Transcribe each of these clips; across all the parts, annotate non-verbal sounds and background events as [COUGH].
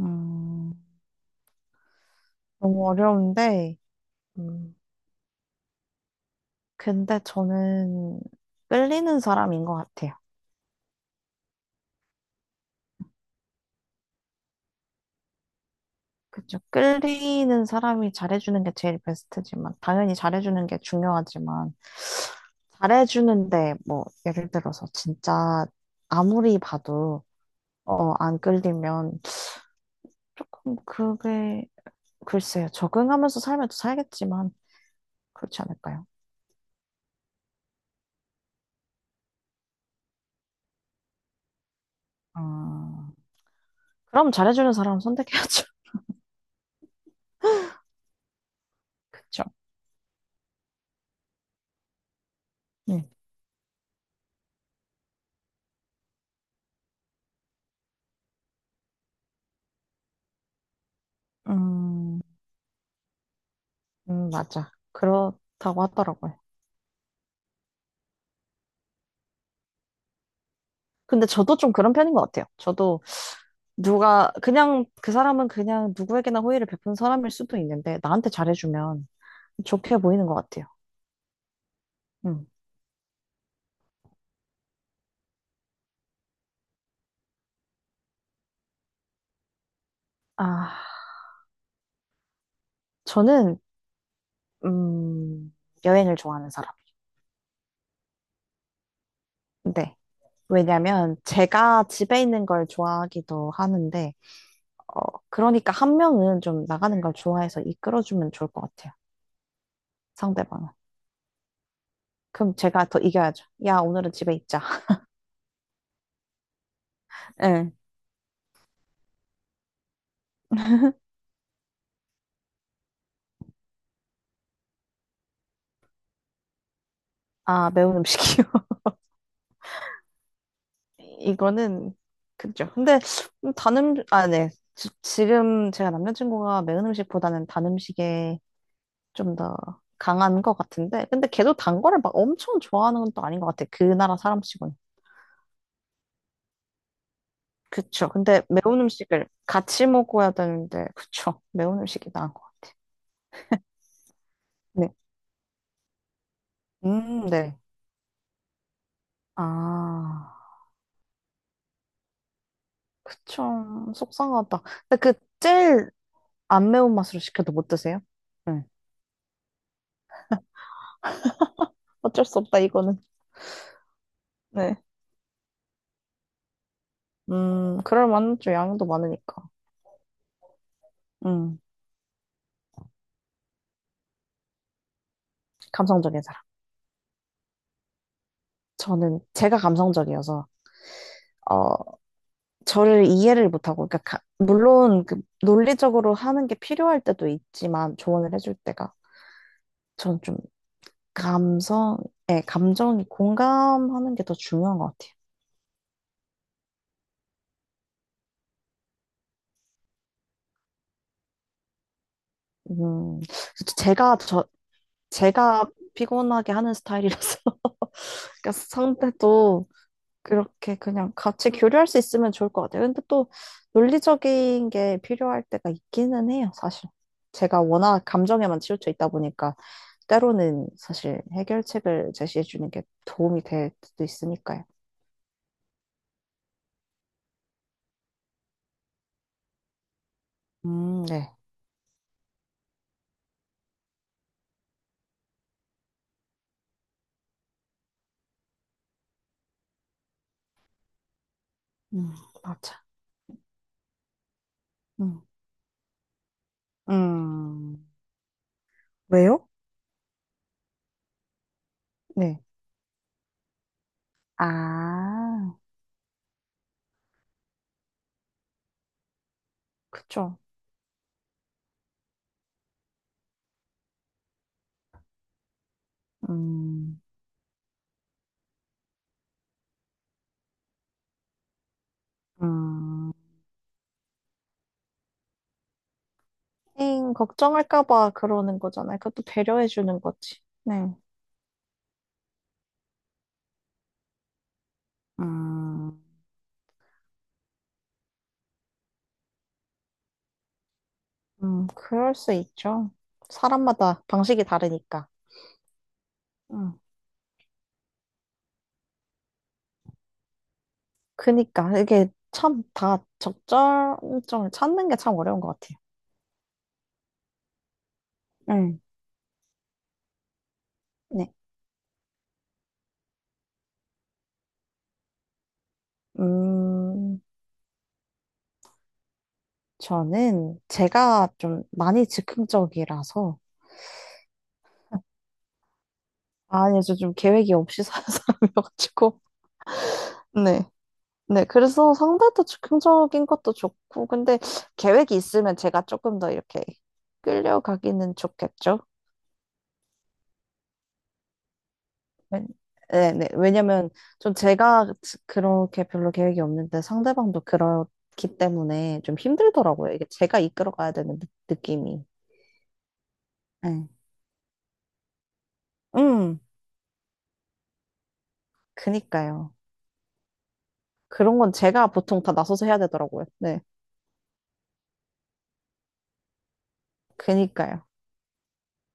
음, 너무 어려운데, 음, 근데 저는 끌리는 사람인 것 같아요. 그죠? 끌리는 사람이 잘해주는 게 제일 베스트지만, 당연히 잘해주는 게 중요하지만, 잘해주는데, 뭐, 예를 들어서 진짜 아무리 봐도, 안 끌리면, 조금 그게, 글쎄요. 적응하면서 살면 또 살겠지만, 그렇지 않을까요? 아, 그럼 잘해주는 사람 선택해야죠. [LAUGHS] 그쵸? 네. 음, 맞아. 그렇다고 하더라고요. 근데 저도 좀 그런 편인 것 같아요. 저도 누가, 그냥, 그 사람은 그냥 누구에게나 호의를 베푼 사람일 수도 있는데, 나한테 잘해주면 좋게 보이는 것 같아요. 음. 아, 저는, 음, 여행을 좋아하는 사람. 네. 왜냐면, 제가 집에 있는 걸 좋아하기도 하는데, 어, 그러니까 한 명은 좀 나가는 걸 좋아해서 이끌어주면 좋을 것 같아요. 상대방은. 그럼 제가 더 이겨야죠. 야, 오늘은 집에 있자. [LAUGHS] 예. 아, 매운 음식이요. 이거는 그죠. 근데 단 아, 네. 지금 제가 남자친구가 매운 음식보다는 단 음식에 좀 더 강한 것 같은데, 근데 걔도 단 거를 막 엄청 좋아하는 건 또 아닌 것 같아. 그 나라 사람 치고는. 그쵸. 근데 매운 음식을 같이 먹어야 되는데, 그쵸. 매운 음식이 나은 것 같아. 네. 네. 아, 그쵸. 속상하다. 근데 그 제일 안 매운 맛으로 시켜도 못 드세요? 네. 어쩔 수 없다, 이거는. 네. 그럴 만한 좀 양도 많으니까. 음, 감성적인 사람. 저는 제가 감성적이어서, 어, 저를 이해를 못하고, 그러니까, 물론 그 논리적으로 하는 게 필요할 때도 있지만, 조언을 해줄 때가, 저는 좀 감성, 예, 감정이 공감하는 게 더 중요한 것 같아요. 음, 제가, 저, 제가 피곤하게 하는 스타일이라서, [LAUGHS] 그러니까 상대도 그렇게 그냥 같이 교류할 수 있으면 좋을 것 같아요. 근데 또 논리적인 게 필요할 때가 있기는 해요, 사실. 제가 워낙 감정에만 치우쳐 있다 보니까 때로는 사실 해결책을 제시해 주는 게 도움이 될 수도 있으니까요. 네. 음, 맞아. 음. 음. 왜요? 네. 아, 그쵸. 음, 음. 걱정할까 봐 그러는 거잖아요. 그것도 배려해 주는 거지. 네. 음. 그럴 수 있죠. 사람마다 방식이 다르니까. 음, 그니까 이게 참 다 적절점을 찾는 게 참 어려운 것 같아요. 응. 네. 음, 저는 제가 좀 많이 즉흥적이라서, 아니, 저 좀 계획이 없이 사는 [LAUGHS] 사람이어가지고, 네. 네, 그래서 상대도 즉흥적인 것도 좋고, 근데 계획이 있으면 제가 조금 더 이렇게 끌려가기는 좋겠죠. 왜- 네, 네. 왜냐면 좀 제가 그렇게 별로 계획이 없는데 상대방도 그렇기 때문에 좀 힘들더라고요. 이게 제가 이끌어 가야 되는 느낌이. 네. 음, 그니까요. 그런 건 제가 보통 다 나서서 해야 되더라고요. 네. 그니까요.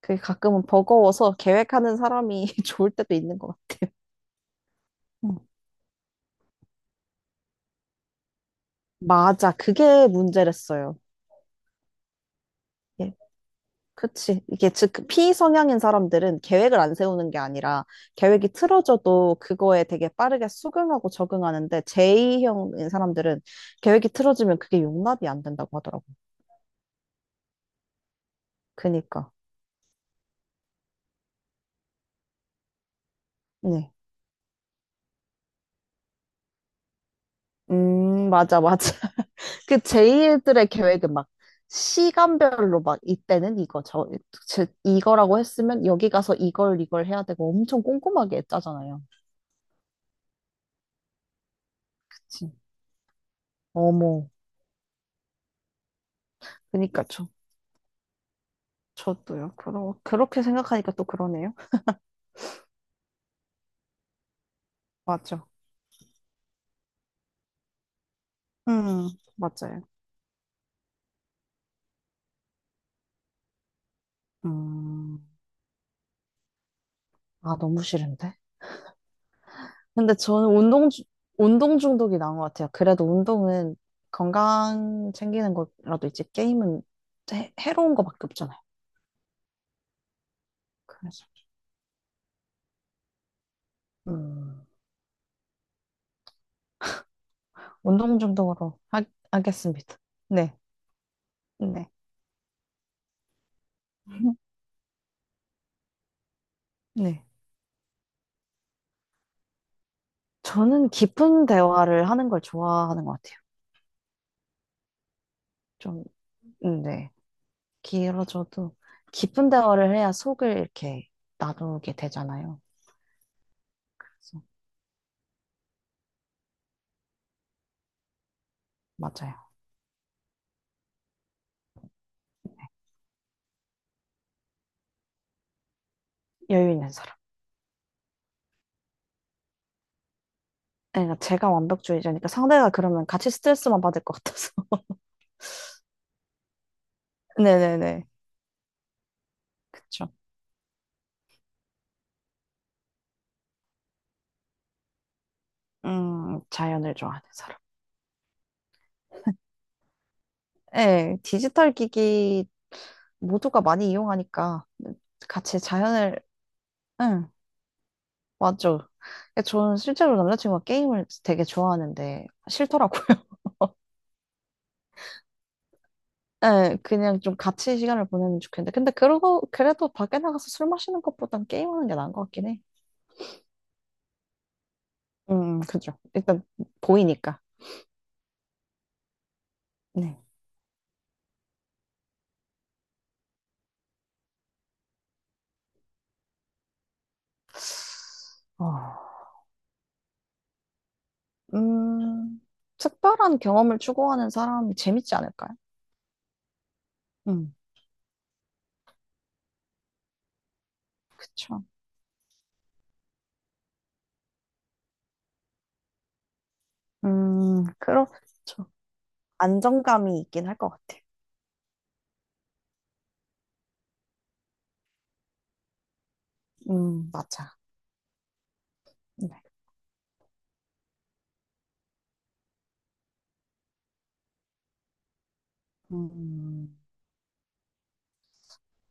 그게 가끔은 버거워서 계획하는 사람이 [LAUGHS] 좋을 때도 있는 것 같아요. 음. 맞아. 그게 문제랬어요. 예. 그치. 이게 즉 피성향인 사람들은 계획을 안 세우는 게 아니라 계획이 틀어져도 그거에 되게 빠르게 수긍하고 적응하는데 J형인 사람들은 계획이 틀어지면 그게 용납이 안 된다고 하더라고. 그니까. 네. 맞아, 맞아. [LAUGHS] 그 J들의 계획은 막 시간별로 막 이때는 이거, 이거라고 했으면 여기 가서 이걸 해야 되고 엄청 꼼꼼하게 짜잖아요. 그치. 어머. 그니까 저도요. 그렇게 생각하니까 또 그러네요. 맞죠. 음, 맞아요. 음, 아, 너무 싫은데? 근데 저는 운동 중독이 나은 것 같아요. 그래도 운동은 건강 챙기는 거라도 있지, 게임은 해로운 거밖에 없잖아요. 그래서, 음, 운동 중독으로 하겠습니다. 네, 네, [LAUGHS] 네. 저는 깊은 대화를 하는 걸 좋아하는 것 같아요. 좀, 네. 길어져도 깊은 대화를 해야 속을 이렇게 나누게 되잖아요. 그래서, 맞아요. 여유 있는 사람. 그러니까 제가 완벽주의자니까 상대가 그러면 같이 스트레스만 받을 것 같아서. [LAUGHS] 네네네. 그쵸. 자연을 좋아하는 사람. 네, 디지털 기기 모두가 많이 이용하니까 같이 자연을, 응, 맞죠. 그러니까 저는 실제로 남자친구가 게임을 되게 좋아하는데 싫더라고요. [LAUGHS] 네 그냥 좀 같이 시간을 보내면 좋겠는데. 근데 그러고, 그래도 밖에 나가서 술 마시는 것보단 게임하는 게 나은 것 같긴 해. 그죠. 일단 보이니까. 네. 아, 음, 특별한 경험을 추구하는 사람이 재밌지 않을까요? 음, 그쵸. 그렇죠. 안정감이 있긴 할 것 같아요. 맞아. 네. 음,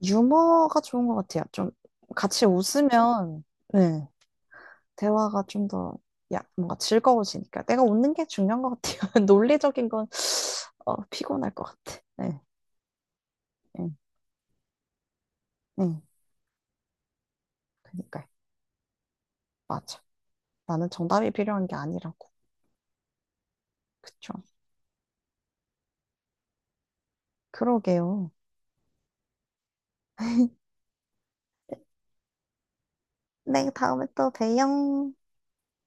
유머가 좋은 것 같아요. 좀 같이 웃으면 네. 대화가 좀 더, 야, 뭔가 즐거워지니까. 내가 웃는 게 중요한 것 같아요. [LAUGHS] 논리적인 건, 피곤할 것 같아. 네. 네 네 그니까요. 맞아. 나는 정답이 필요한 게 아니라고. 그쵸. 그러게요. 네, 다음에 또 봬요.